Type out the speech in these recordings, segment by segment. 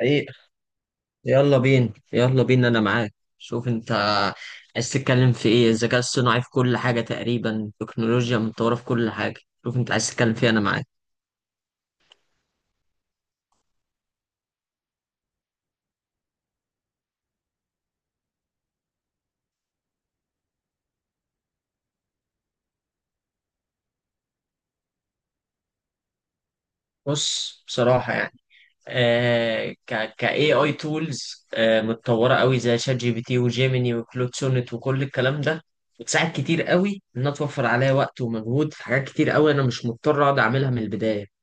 حقيقة. يلا بينا يلا بينا، أنا معاك. شوف أنت عايز تتكلم في إيه؟ الذكاء الصناعي في كل حاجة تقريبا، التكنولوجيا متطورة في كل حاجة. شوف أنت عايز تتكلم فيه، أنا معاك. بص، بصراحة يعني، ك ك AI tools متطورة قوي، زي شات جي بي تي وجيميني وكلود سونيت وكل الكلام ده، بتساعد كتير قوي. إنها توفر عليا وقت ومجهود في حاجات كتير قوي، أنا مش مضطر أقعد أعملها من البداية.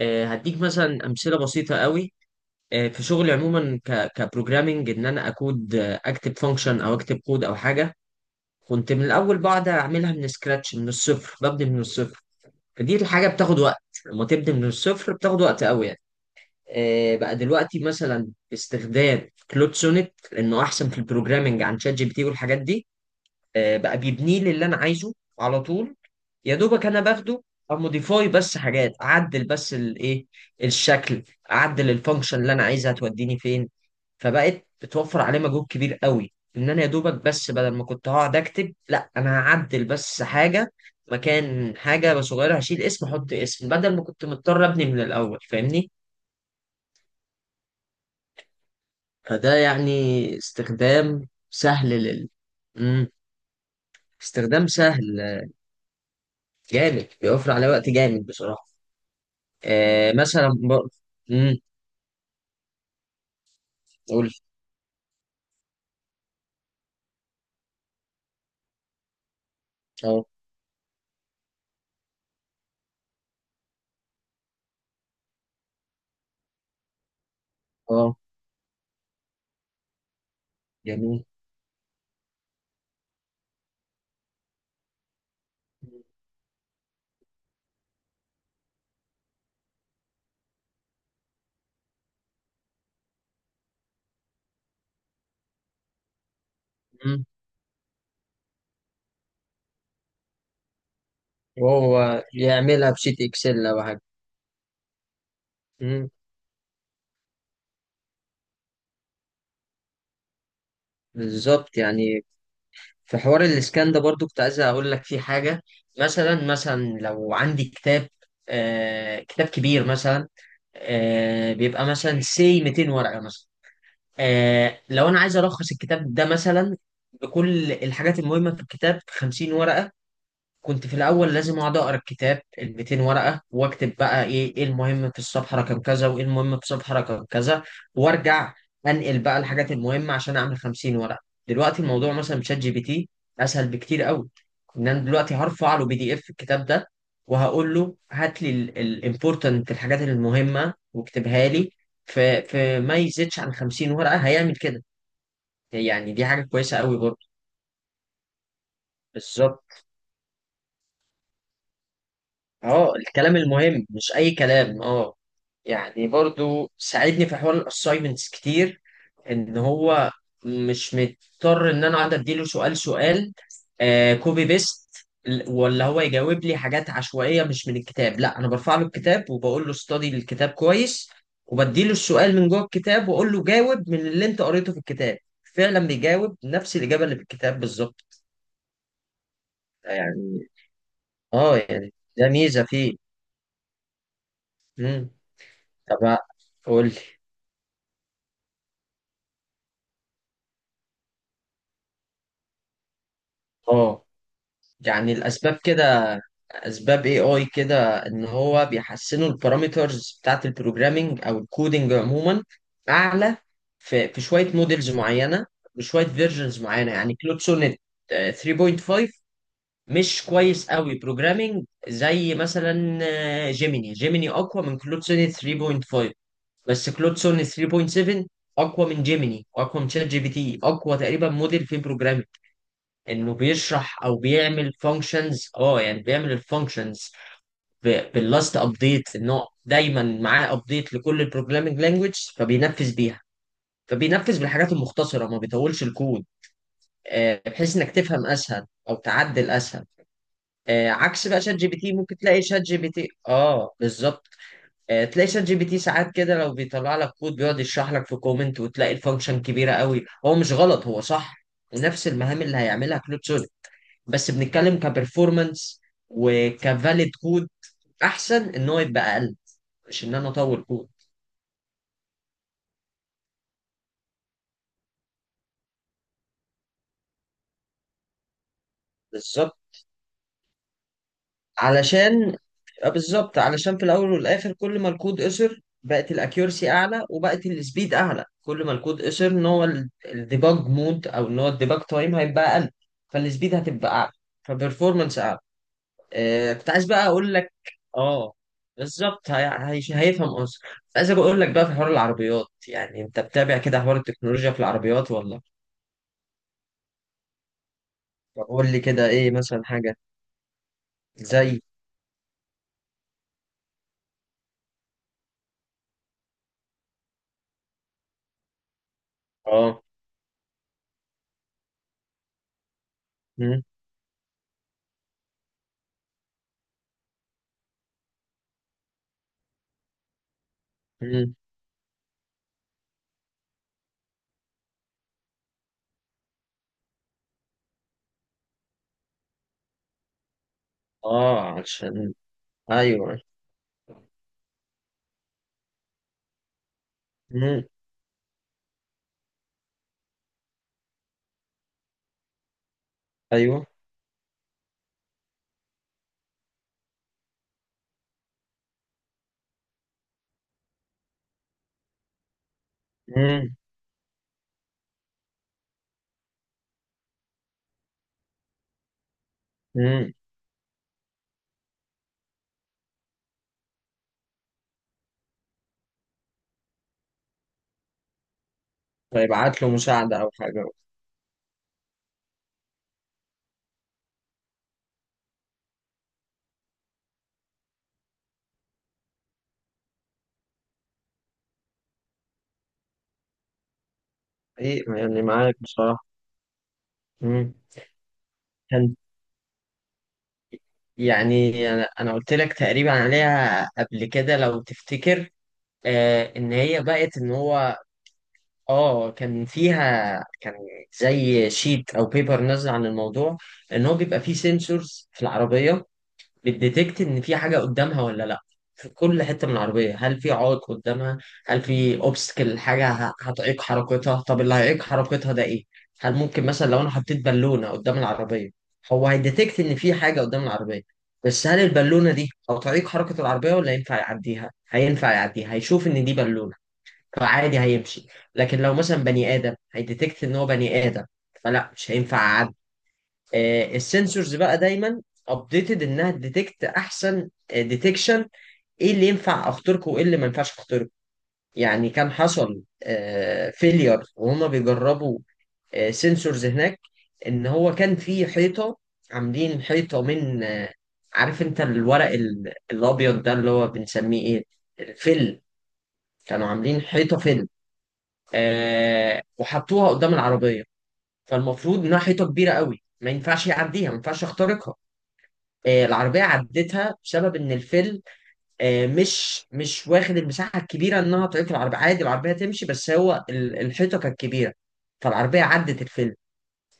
هديك مثلا أمثلة بسيطة قوي. في شغلي عموما ك كبروجرامينج، انا اكود، اكتب فانكشن او اكتب كود او حاجه. كنت من الاول بقعد اعملها من سكراتش، من الصفر، ببني من الصفر. فدي الحاجه بتاخد وقت، لما تبني من الصفر بتاخد وقت قوي يعني. بقى دلوقتي مثلا باستخدام كلود سونيت، لانه احسن في البروجرامينج عن شات جي بي تي والحاجات دي. بقى بيبنيه لي اللي انا عايزه على طول، يا دوبك انا باخده اموديفاي، بس حاجات اعدل، بس الايه، الشكل، اعدل الفانكشن اللي انا عايزها توديني فين. فبقت بتوفر عليه مجهود كبير قوي، انا يا دوبك بس بدل ما كنت هقعد اكتب، لا انا هعدل بس حاجه مكان حاجه صغيره، هشيل اسم احط اسم، بدل ما كنت مضطر ابني من الاول، فاهمني؟ فده يعني استخدام سهل مم. استخدام سهل جامد، بيوفر عليه وقت جامد بصراحه. مثلا مم. قول. اه، اه، جميل. مم. وهو يعملها بشيت اكسل او حاجه؟ مم. بالظبط يعني. في حوار الاسكان ده برضو كنت عايز اقول لك فيه حاجه. مثلا لو عندي كتاب، كتاب كبير مثلا، بيبقى مثلا سي 200 ورقه مثلا. لو انا عايز الخص الكتاب ده مثلا بكل الحاجات المهمه في الكتاب في 50 ورقه، كنت في الاول لازم اقعد اقرا الكتاب ال 200 ورقه واكتب بقى ايه المهم في الصفحه رقم كذا وايه المهم في الصفحه رقم كذا، وارجع انقل بقى الحاجات المهمه عشان اعمل 50 ورقه. دلوقتي الموضوع مثلا بشات جي بي تي اسهل بكتير قوي، انا دلوقتي هرفع له بي دي اف الكتاب ده، وهقول له هات لي الامبورتنت، الحاجات المهمه، واكتبها لي في ما يزيدش عن 50 ورقه، هيعمل كده. يعني دي حاجه كويسه قوي برضه. بالظبط. اه الكلام المهم، مش اي كلام. اه يعني برضو ساعدني في حوار الاساينمنتس كتير، ان هو مش مضطر انا اقعد اديله سؤال سؤال، كوبي بيست، ولا هو يجاوب لي حاجات عشوائيه مش من الكتاب. لا انا برفع له الكتاب وبقول له استدي الكتاب كويس، وبديله السؤال من جوه الكتاب واقول له جاوب من اللي انت قريته في الكتاب. فعلا بيجاوب نفس الاجابه اللي في الكتاب بالظبط. يعني، اه يعني ده ميزه فيه. مم. طب قول لي. اه يعني الاسباب كده، اسباب اي اي كده، ان هو بيحسنوا البارامترز بتاعت البروجرامينج او الكودينج عموما، اعلى في شويه موديلز معينه بشويه فيرجنز معينه. يعني كلود سونيت 3.5 مش كويس قوي بروجرامينج زي مثلا جيميني. جيميني اقوى من كلود سونيت 3.5، بس كلود سونيت 3.7 اقوى من جيميني، اقوى من شات جي بي تي، اقوى تقريبا موديل في انه بيشرح او بيعمل فانكشنز. اه يعني بيعمل الفانكشنز باللاست ابديت، انه دايما معاه ابديت لكل البروجرامينج لانجويج فبينفذ بيها. فبينفذ بالحاجات المختصره، ما بيطولش الكود، بحيث انك تفهم اسهل او تعدل اسهل. عكس بقى شات جي بي تي، ممكن تلاقي شات جي بي تي، اه بالظبط. تلاقي شات جي بي تي ساعات كده لو بيطلع لك كود بيقعد يشرح لك في كومنت، وتلاقي الفانكشن كبيره قوي. هو مش غلط هو صح، ونفس المهام اللي هيعملها كلود، بس بنتكلم كبرفورمانس وكفاليد كود. احسن ان هو يبقى اقل، مش انا اطور كود. بالظبط، علشان بالظبط علشان في الاول والاخر، كل ما الكود قصر بقت الاكيورسي اعلى وبقت السبيد اعلى. كل ما الكود قصر، ان هو الديباج مود او ان هو الديباج تايم هيبقى اقل، فالسبيد هتبقى اعلى، فبرفورمانس اعلى. كنت عايز بقى اقول لك، اه بالظبط. هيفهم قصدي. كنت عايز اقول لك بقى في حوار العربيات. يعني انت بتابع كده حوار التكنولوجيا في العربيات ولا؟ طب قول لي كده، ايه مثلا حاجة زي؟ اه. مم، مم، اه عشان. ايوه، مم، ايوه. مم. مم. فيبعت له مساعدة او حاجة. ايه يعني؟ معاك بصراحة. مم. كان، يعني أنا قلت لك تقريبا عليها قبل كده لو تفتكر. ان هي بقت ان هو. اه كان فيها. كان زي شيت او بيبر نازل عن الموضوع، ان هو بيبقى فيه سنسورز في العربيه بتديتكت ان في حاجه قدامها ولا لا، في كل حته من العربيه. هل في عائق قدامها؟ هل في اوبستكل، حاجه هتعيق حركتها؟ طب اللي هيعيق حركتها ده ايه؟ هل ممكن مثلا لو انا حطيت بالونه قدام العربيه، هو هيديتكت ان في حاجه قدام العربيه، بس هل البالونه دي هتعيق حركه العربيه ولا ينفع يعديها؟ هينفع يعديها، هيشوف ان دي بالونه فعادي هيمشي. لكن لو مثلا بني ادم، هيديتكت ان هو بني ادم فلا مش هينفع اعدي. السنسورز بقى دايما ابديتد انها تديتكت احسن ديتكشن، ايه اللي ينفع اخترقه وايه اللي ما ينفعش اخترقه. يعني كان حصل فيلير وهما بيجربوا سنسورز هناك، ان هو كان في حيطه، عاملين حيطه من، عارف انت الورق الابيض ده اللي هو بنسميه ايه، الفل. كانوا عاملين حيطه فل، وحطوها قدام العربية. فالمفروض إنها حيطة كبيرة قوي، ما ينفعش يعديها ما ينفعش يخترقها. العربية عدتها بسبب إن الفيل مش واخد المساحة الكبيرة، إنها تعيق العربية، عادي العربية تمشي، بس هو الحيطة كانت كبيرة، فالعربية عدت الفيل.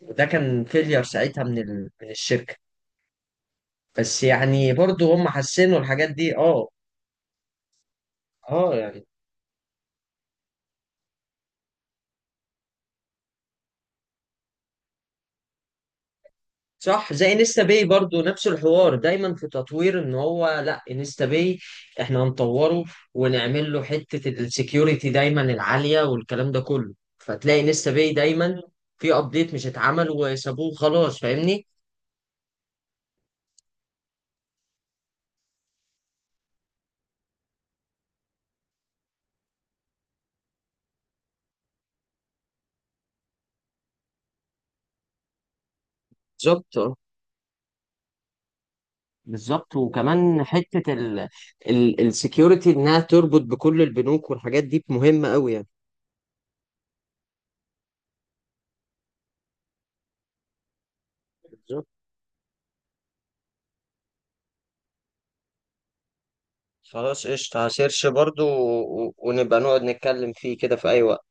وده كان فيلير ساعتها من من الشركة. بس يعني برضو هم حسنوا الحاجات دي، اه. اه يعني صح، زي انستا باي برضو، نفس الحوار، دايما في تطوير. ان هو لا انستا باي، احنا هنطوره ونعمل له حتة السكيورتي دايما العالية والكلام ده كله، فتلاقي انستا باي دايما في ابديت مش اتعمل وسابوه خلاص، فاهمني؟ بالظبط. آه، بالظبط. وكمان حتة ال السكيورتي، انها تربط بكل البنوك والحاجات دي، مهمة قوي يعني. بالظبط. خلاص قشطة، هسيرش برضو، ونبقى نقعد نتكلم فيه كده في اي وقت.